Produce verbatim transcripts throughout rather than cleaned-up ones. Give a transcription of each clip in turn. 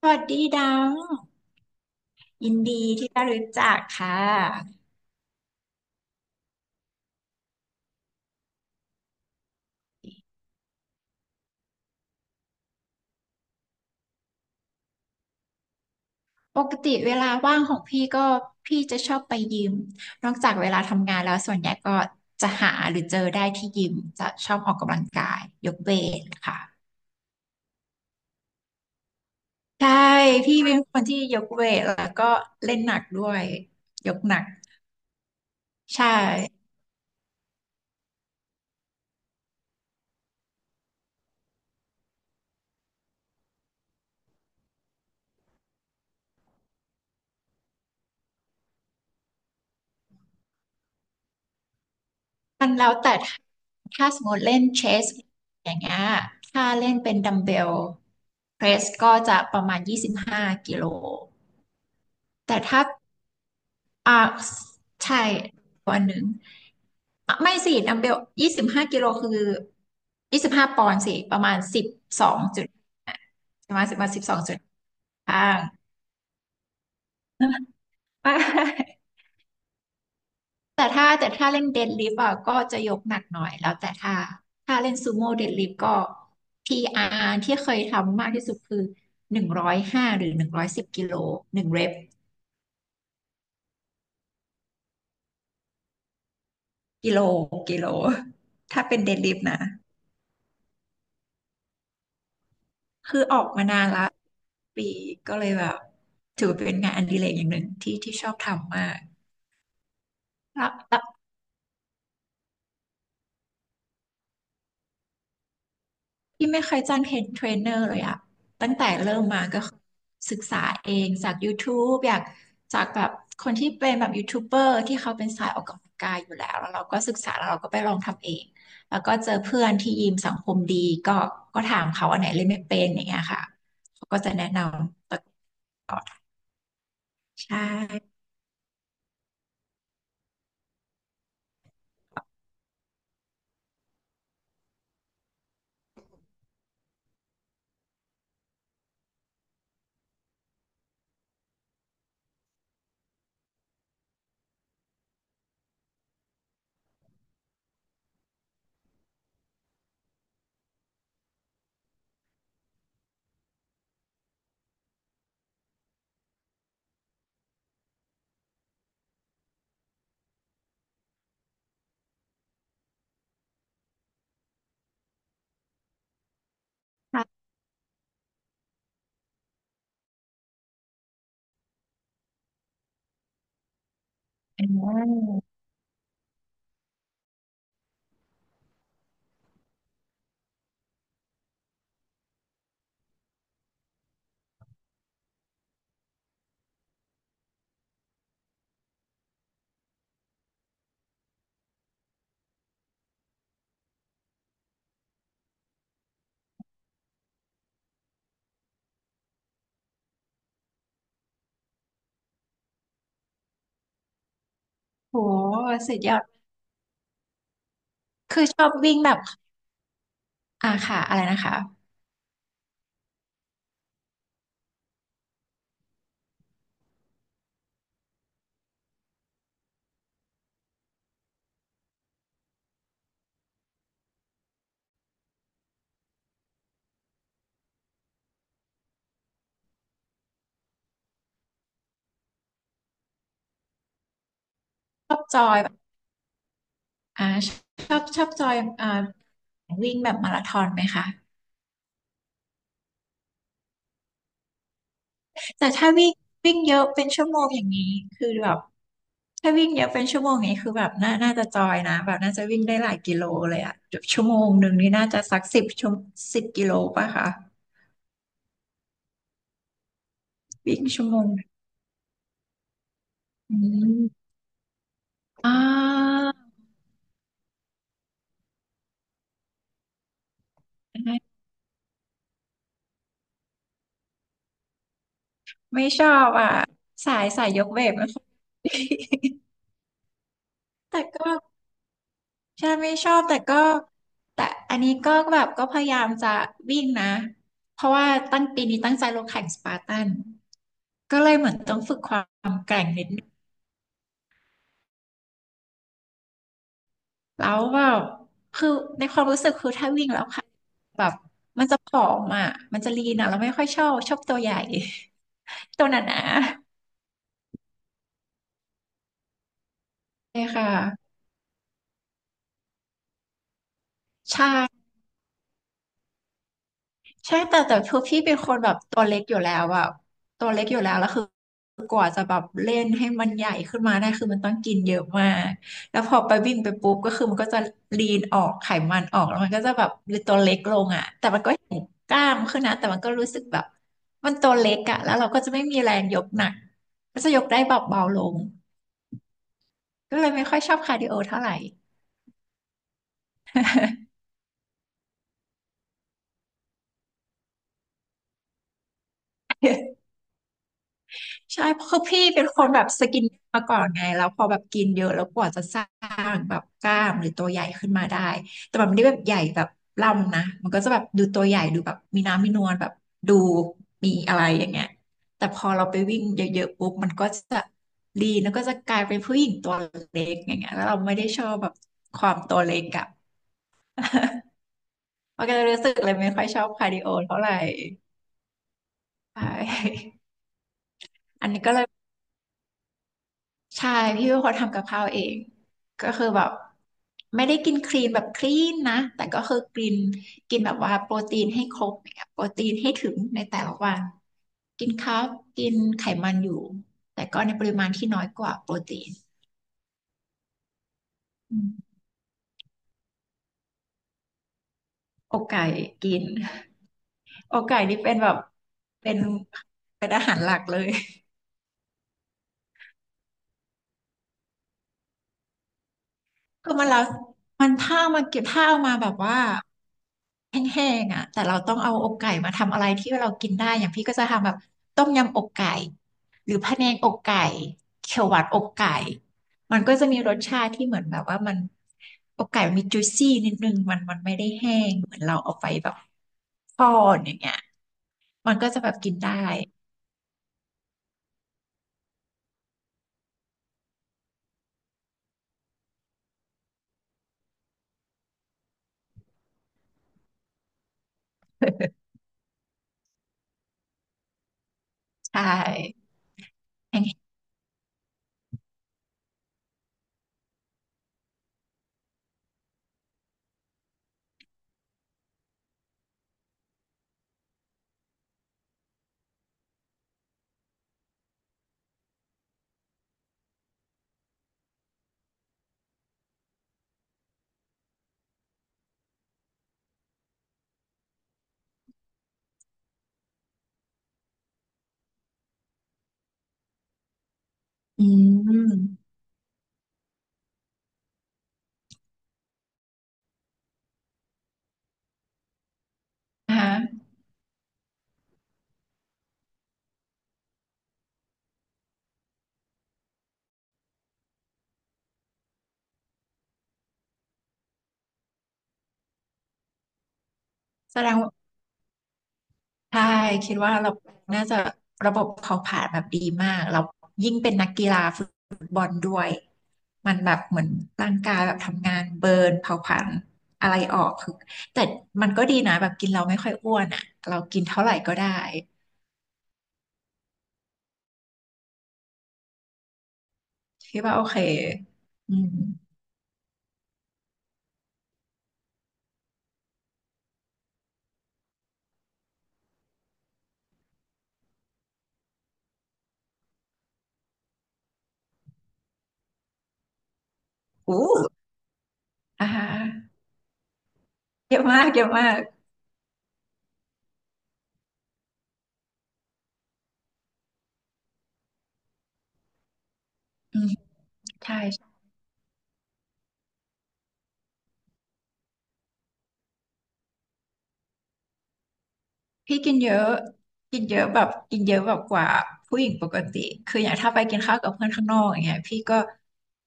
สวัสดีดังยินดีที่ได้รู้จักค่ะปกติเวลาว่างของพี่ก็พี่จะชอบไปยิมนอกจากเวลาทำงานแล้วส่วนใหญ่ก็จะหาหรือเจอได้ที่ยิมจะชอบออกกำลังกายยกเวทค่ะใช่พี่เป็นคนที่ยกเวทแล้วก็เล่นหนักด้วยยกหนักใช่มันแล้วแต่ถ้าสมมติเล่นเชสอย่างเงี้ยถ้าเล่นเป็นดัมเบลเพรสก็จะประมาณยี่สิบากิโลแต่ถ้า อ่าใช่วันหนึ่งอ่ะไม่สิดัมเบลยี่สิบห้ากิโลคือยี่สิบห้าปอนด์สิประมาณสิบสองจุดประมาณสิบมาสิบสองจุดห้าง ไม่แต่ถ้าแต่ถ้าเล่นเดดลิฟต์อ่ะก็จะยกหนักหน่อยแล้วแต่ถ้าถ้าเล่นซูโม่เดดลิฟต์ก็พีอาร์ที่เคยทำมากที่สุดคือหนึ่งร้อยห้าหรือหนึ่งร้อยสิบกิโลหนึ่งเรปกิโลกิโลถ้าเป็นเดดลิฟต์นะ คือออกมานานละปีก็เลยแบบถือว่าเป็นงานอดิเรกอย่างหนึ่งที่ที่ชอบทำมากแล้วแล้วที่ไม่เคยจ้างเทรนเทรนเนอร์เลยอะตั้งแต่เริ่มมาก็คือศึกษาเองจาก YouTube อยากจากแบบคนที่เป็นแบบยูทูบเบอร์ที่เขาเป็นสายออกกำลังกายอยู่แล้วแล้วเราก็ศึกษาแล้วเราก็ไปลองทำเองแล้วก็เจอเพื่อนที่ยิมสังคมดีก็ก็ถามเขาอันไหนเล่นไม่เป็นอย่างเงี้ยค่ะเขาก็จะแนะนำต่อใช่ใช่ โหสุดยอดคือชอบวิ่งแบบอ่าค่ะอะไรนะคะชอบจอยแบบอ่าชอบชอบจอยอ่าวิ่งแบบมาราธอนไหมคะแต่ถ้าวิ่งวิ่งเยอะเป็นชั่วโมงอย่างนี้คือแบบถ้าวิ่งเยอะเป็นชั่วโมงอย่างนี้คือแบบน่าน่าจะจอยนะแบบน่าจะวิ่งได้หลายกิโลเลยอะแบบชั่วโมงหนึ่งนี่น่าจะสักสิบชั่วสิบกิโลป่ะคะวิ่งชั่วโมงอืมอ่าไม่ชอบอ่ะสายสายยกเวทไม่ค่อย แต่ก็ ใช่ไม่ชอบแต่ก็แต่อันนี้ก็แบบก็พยายามจะวิ่งนะเพราะว่าตั้งปีนี้ตั้งใจลงแข่งสปาร์ตันก็เลยเหมือนต้องฝึกความแกร่งนิดนึงแล้วแบบคือในความรู้สึกคือถ้าวิ่งแล้วค่ะแบบมันจะผอมอ่ะมันจะลีนอ่ะเราไม่ค่อยชอบชอบตัวใหญ่ ตัวหนาๆเลยค่ะใช่ ใช่แต่แต่คือพี่เป็นคนแบบตัวเล็กอยู่แล้วอะตัวเล็กอยู่แล้วแล้วคือกว่าจะแบบเล่นให้มันใหญ่ขึ้นมาได้คือมันต้องกินเยอะมากแล้วพอไปวิ่งไปปุ๊บก็คือมันก็จะลีนออกไขมันออกแล้วมันก็จะแบบหรือตัวเล็กลงอะแต่มันก็เห็นกล้ามขึ้นนะแต่มันก็รู้สึกแบบมันตัวเล็กอะแล้วเราก็จะไม่มีแรงยกหนักก็จะยกได้แบบเบาลงก็เลยไม่ค่อยชอบคาร์ดิโอเท่าไหร่ ใช่เพราะคือพี่เป็นคนแบบสกินมาก่อนไงแล้วพอแบบกินเยอะแล้วกว่าจะสร้างแบบกล้ามหรือตัวใหญ่ขึ้นมาได้แต่มันไม่ได้แบบใหญ่แบบล่ำนะมันก็จะแบบดูตัวใหญ่ดูแบบมีน้ำมีนวลแบบดูมีอะไรอย่างเงี้ยแต่พอเราไปวิ่งเยอะๆปุ๊บมันก็จะลีนแล้วก็จะกลายเป็นผู้หญิงตัวเล็กอย่างเงี้ยแล้วเราไม่ได้ชอบแบบความตัวเล็กอะ มันก็เลยรู้สึกเลยไม่ค่อยชอบคาร์ดิโอเท่าไหร่ใช่ อันนี้ก็เลย ใช่พี่เป็นคนทำกับข้าวเองก็คือแบบไม่ได้กินคลีนแบบคลีนนะแต่ก็คือกินกินแบบว่าโปรตีนให้ครบอย่างเนียโปรตีนให้ถึงในแต่ละวันกินคาร์บกินไขมันอยู่แต่ก็ในปริมาณที่น้อยกว่าโปรตีนอืมอกไก่กินอกไก่นี่เป็นแบบเป็นเป็นอาหารหลักเลย คือมันแล้วมันถ้ามันเก็บถ้าเอามาแบบว่าแห้งๆอ่ะแต่เราต้องเอาอกไก่มาทำอะไรที่เรากินได้ อย่างพี่ก็จะทำแบบต้มยำอกไก่ หรือพะแนงอกไก่เขียวหวานอกไก่ มันก็จะมีรสชาติที่เหมือนแบบว่ามันอกไก่มันมีจุยซี่นิดนึงมันมันไม่ได้แห้งเหมือนเราเอาไปแบบทอดอย่างเงี้ยมันก็จะแบบกินได้ใช่แห้งๆอืมนะคะแสดงว่า ใช่คิดว่าเราน่าจะระบบเขาผ่านแบบดีมากเรายิ่งเป็นนักกีฬาฟุตบอลด้วย มันแบบเหมือนร่างกายแบบทำงานเบิร์นเผาผลาญอะไรออกคือแต่มันก็ดีนะแบบกินเราไม่ค่อยอ้วนอ่ะเรากินเท่าไหร่ก็ได้คิดว่าโอเค อืมอู้อ่าฮะเยอะมากเยอะมากอืมใช่ พี่กินเยอะกินเยอะแบบกินเยอะแบบกว่าผู้หญิงปกติ คืออย่างถ้าไปกินข้าวกับเพื่อนข้างนอกอย่างเงี้ยพี่ก็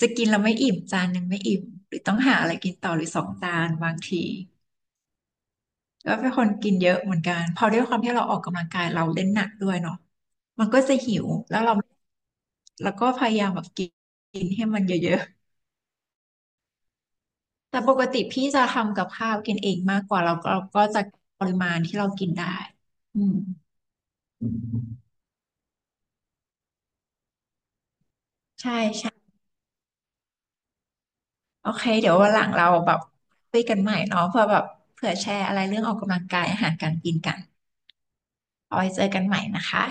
จะกินแล้วไม่อิ่มจานหนึ่งไม่อิ่มหรือต้องหาอะไรกินต่อหรือสองจานบางทีก็เป็นคนกินเยอะเหมือนกันพอด้วยความที่เราออกกำลังกายเราเล่นหนักด้วยเนาะมันก็จะหิวแล้วเราแล้วก็พยายามแบบกินกินให้มันเยอะๆแต่ปกติพี่จะทำกับข้าวกินเองมากกว่าเราก็เราก็จะปริมาณที่เรากินได้อืมใช่ โอเคเดี๋ยววันหลังเราแบบคุยกันใหม่เนาะเพื่อแบบเผื่อแชร์อะไรเรื่องออกกำลังกายอาหารการกินกันเอาไว้เจอกันใหม่นะคะ